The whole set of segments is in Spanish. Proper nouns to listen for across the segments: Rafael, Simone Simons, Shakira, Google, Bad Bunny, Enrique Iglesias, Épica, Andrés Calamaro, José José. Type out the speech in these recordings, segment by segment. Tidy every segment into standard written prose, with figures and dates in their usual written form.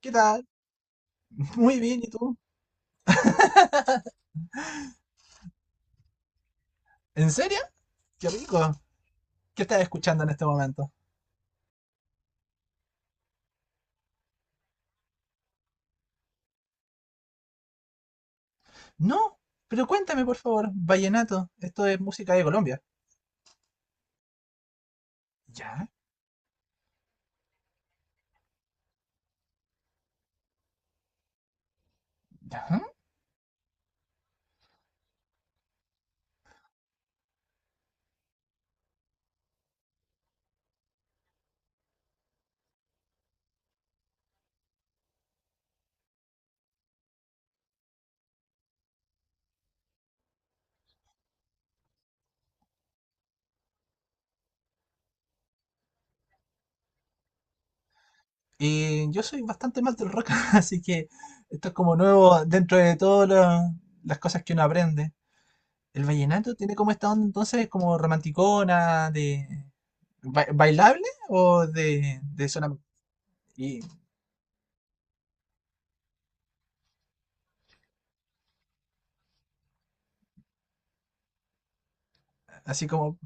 ¿Qué tal? Muy bien, ¿y tú? ¿En serio? Qué rico. ¿Qué estás escuchando en este momento? No, pero cuéntame por favor, vallenato. Esto es música de Colombia. Ya, ya. Y yo soy bastante mal del rock, así que esto es como nuevo dentro de todas las cosas que uno aprende. El vallenato tiene como esta onda entonces como romanticona, de bailable o de zona... Y así como...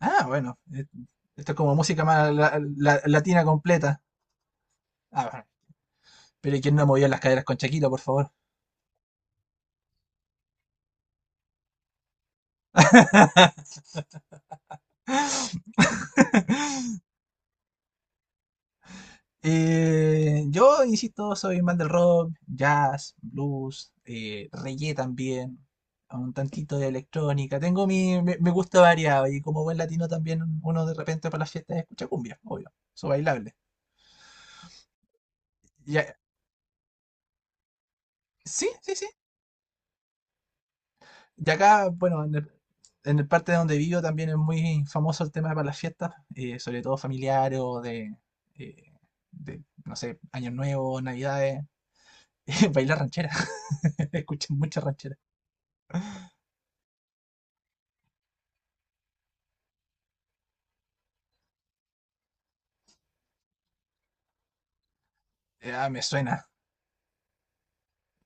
Ah, bueno, esto es como música más latina completa. Ah, bueno, pero ¿y quién no movió las caderas con Shakira, por favor? Yo, insisto, soy más del rock, jazz, blues, reggae también, un tantito de electrónica. Tengo me gusta variado y como buen latino también uno de repente para las fiestas escucha cumbia, obvio, su bailable. Y a- sí, sí, sí. Y acá, bueno, en el parte de donde vivo también es muy famoso el tema para las fiestas, sobre todo familiares o eh, de, no sé, Año Nuevo, Navidades. Bailar ranchera. Escuché mucha ranchera. Ah, me suena.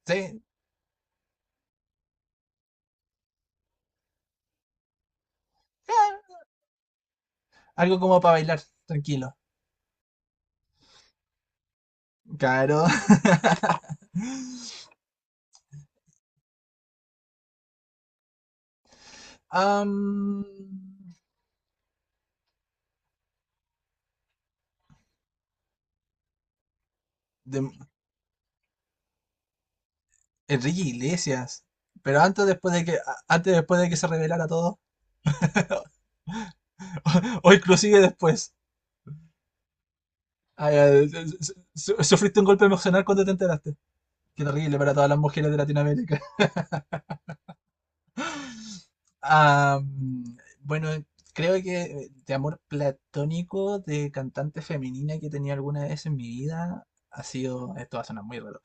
Sí. Ah, algo como para bailar, tranquilo. Claro. Am, de- Enrique Iglesias. Pero antes o después de que antes o después de que se revelara todo. O inclusive después. Ah, ya, sufriste un golpe emocional cuando te enteraste. Qué terrible para todas las mujeres de Latinoamérica. Ah, bueno, creo que de amor platónico de cantante femenina que tenía alguna vez en mi vida ha sido, esto va a sonar muy raro,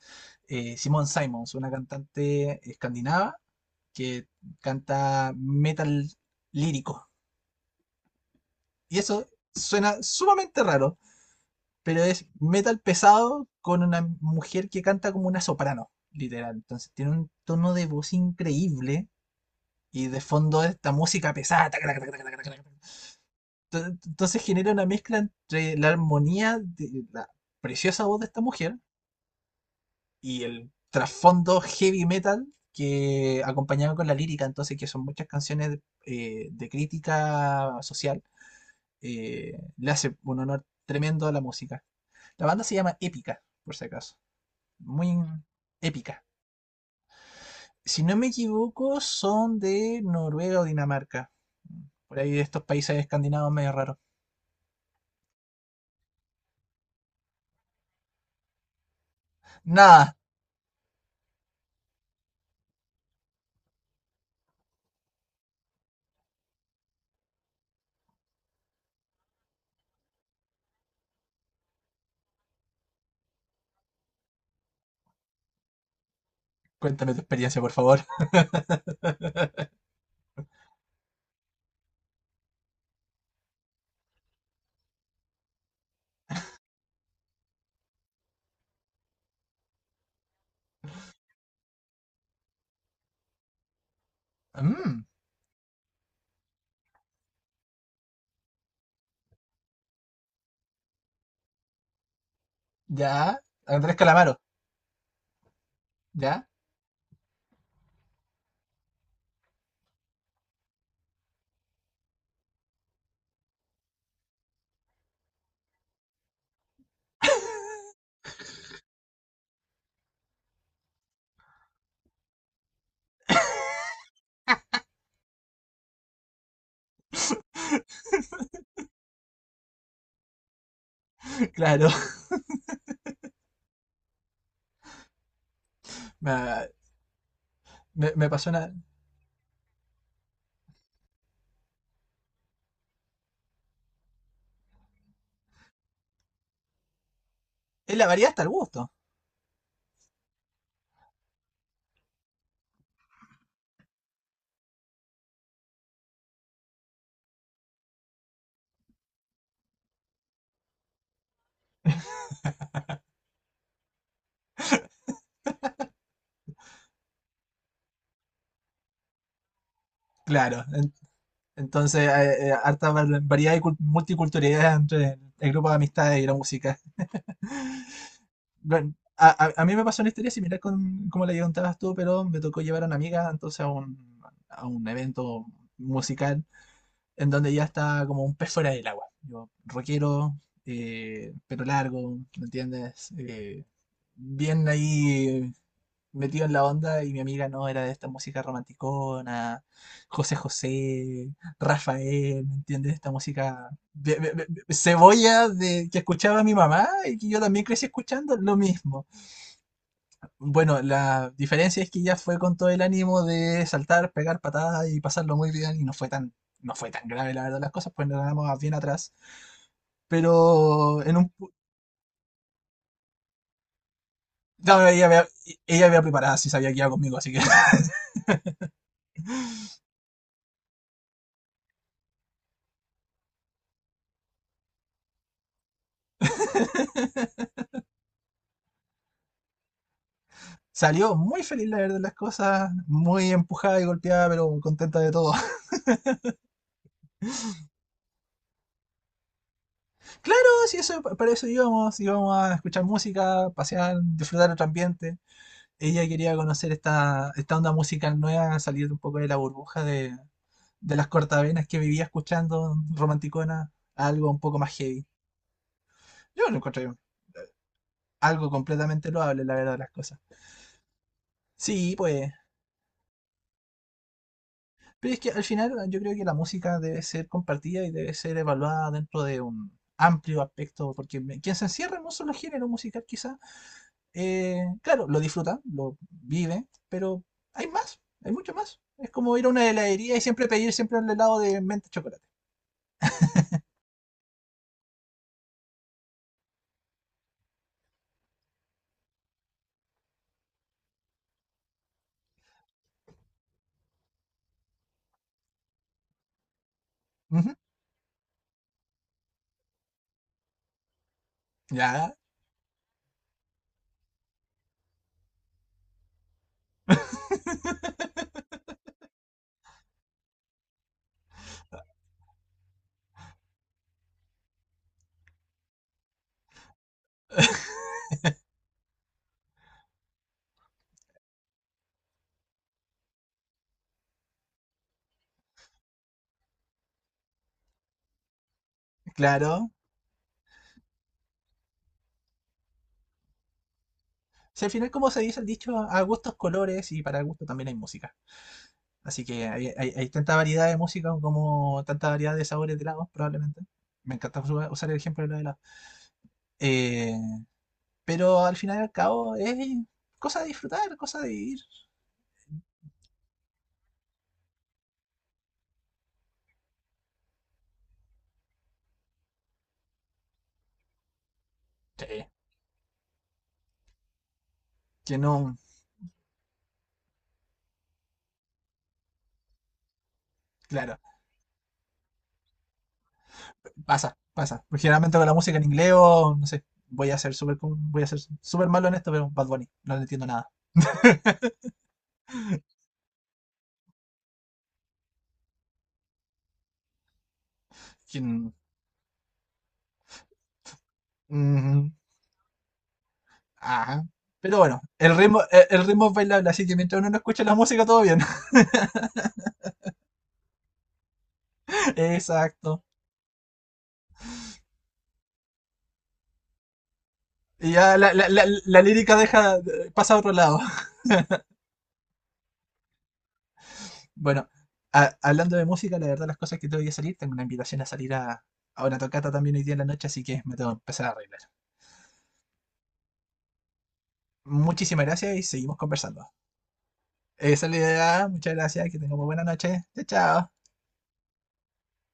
Simone Simons, una cantante escandinava que canta metal lírico. Y eso suena sumamente raro, pero es metal pesado con una mujer que canta como una soprano, literal. Entonces tiene un tono de voz increíble y de fondo esta música pesada. Entonces genera una mezcla entre la armonía de la preciosa voz de esta mujer y el trasfondo heavy metal que acompañaba con la lírica, entonces que son muchas canciones de crítica social, le hace un honor tremendo a la música. La banda se llama Épica, por si acaso. Muy épica. Si no me equivoco, son de Noruega o Dinamarca. Por ahí de estos países escandinavos medio raros. Nada, cuéntame tu experiencia, por favor. Mm. Ya. Andrés Calamaro, ya. Claro, me, me pasó una. Es la variedad hasta el gusto, claro. Entonces, harta variedad y multiculturalidad entre el grupo de amistades y la música. Bueno, a mí me pasó una historia similar con como la que contabas tú, pero me tocó llevar a una amiga entonces a un evento musical en donde ya está como un pez fuera del agua. Yo, rockero, pelo largo, ¿me entiendes? Bien ahí metido en la onda y mi amiga no era de esta música romanticona, José José, Rafael, ¿me entiendes? Esta música cebolla de, que escuchaba mi mamá y que yo también crecí escuchando lo mismo. Bueno, la diferencia es que ella fue con todo el ánimo de saltar, pegar patadas y pasarlo muy bien y no fue tan, no fue tan grave la verdad las cosas, pues nos quedamos bien atrás. Pero en un... pu- no, ella me había preparado, sí sabía que iba conmigo, así que salió muy feliz, la verdad, de las cosas, muy empujada y golpeada, pero contenta de todo. Claro, sí, eso, para eso íbamos, íbamos a escuchar música, pasear, disfrutar otro ambiente. Ella quería conocer esta, esta onda musical nueva, salir un poco de la burbuja de las cortavenas que vivía escuchando, romanticona, a algo un poco más heavy. Yo lo encontré algo completamente loable, la verdad, de las cosas. Sí, pues, pero es que al final yo creo que la música debe ser compartida y debe ser evaluada dentro de un amplio aspecto, porque quien se encierra en un solo género musical quizá, claro, lo disfruta, lo vive, pero hay más, hay mucho más. Es como ir a una heladería y siempre pedir siempre el helado de menta chocolate. Ujú, ya, claro. Si al final, como se dice el dicho, a gustos colores y para gusto también hay música. Así que hay tanta variedad de música como tanta variedad de sabores de helados, probablemente. Me encanta usar el ejemplo de los helados. Eh, pero al final y al cabo es cosa de disfrutar, cosa de ir. Sí. Que no, claro, pasa, pasa. Porque generalmente con la música en inglés o, no sé, voy a ser súper voy a ser súper malo en esto, pero Bad Bunny, no le entiendo nada. Quien- ujú, ajá. Pero bueno, el ritmo, el ritmo es bailable, así que mientras uno no escuche la música, todo bien. Exacto. Y ya la lírica deja, pasa a otro lado. Bueno, hablando de música, la verdad las cosas que tengo que salir, tengo una invitación a salir a una tocata también hoy día en la noche, así que me tengo que empezar a arreglar. Muchísimas gracias y seguimos conversando. Esa es la idea, muchas gracias, que tengamos buena noche. Chao, chao.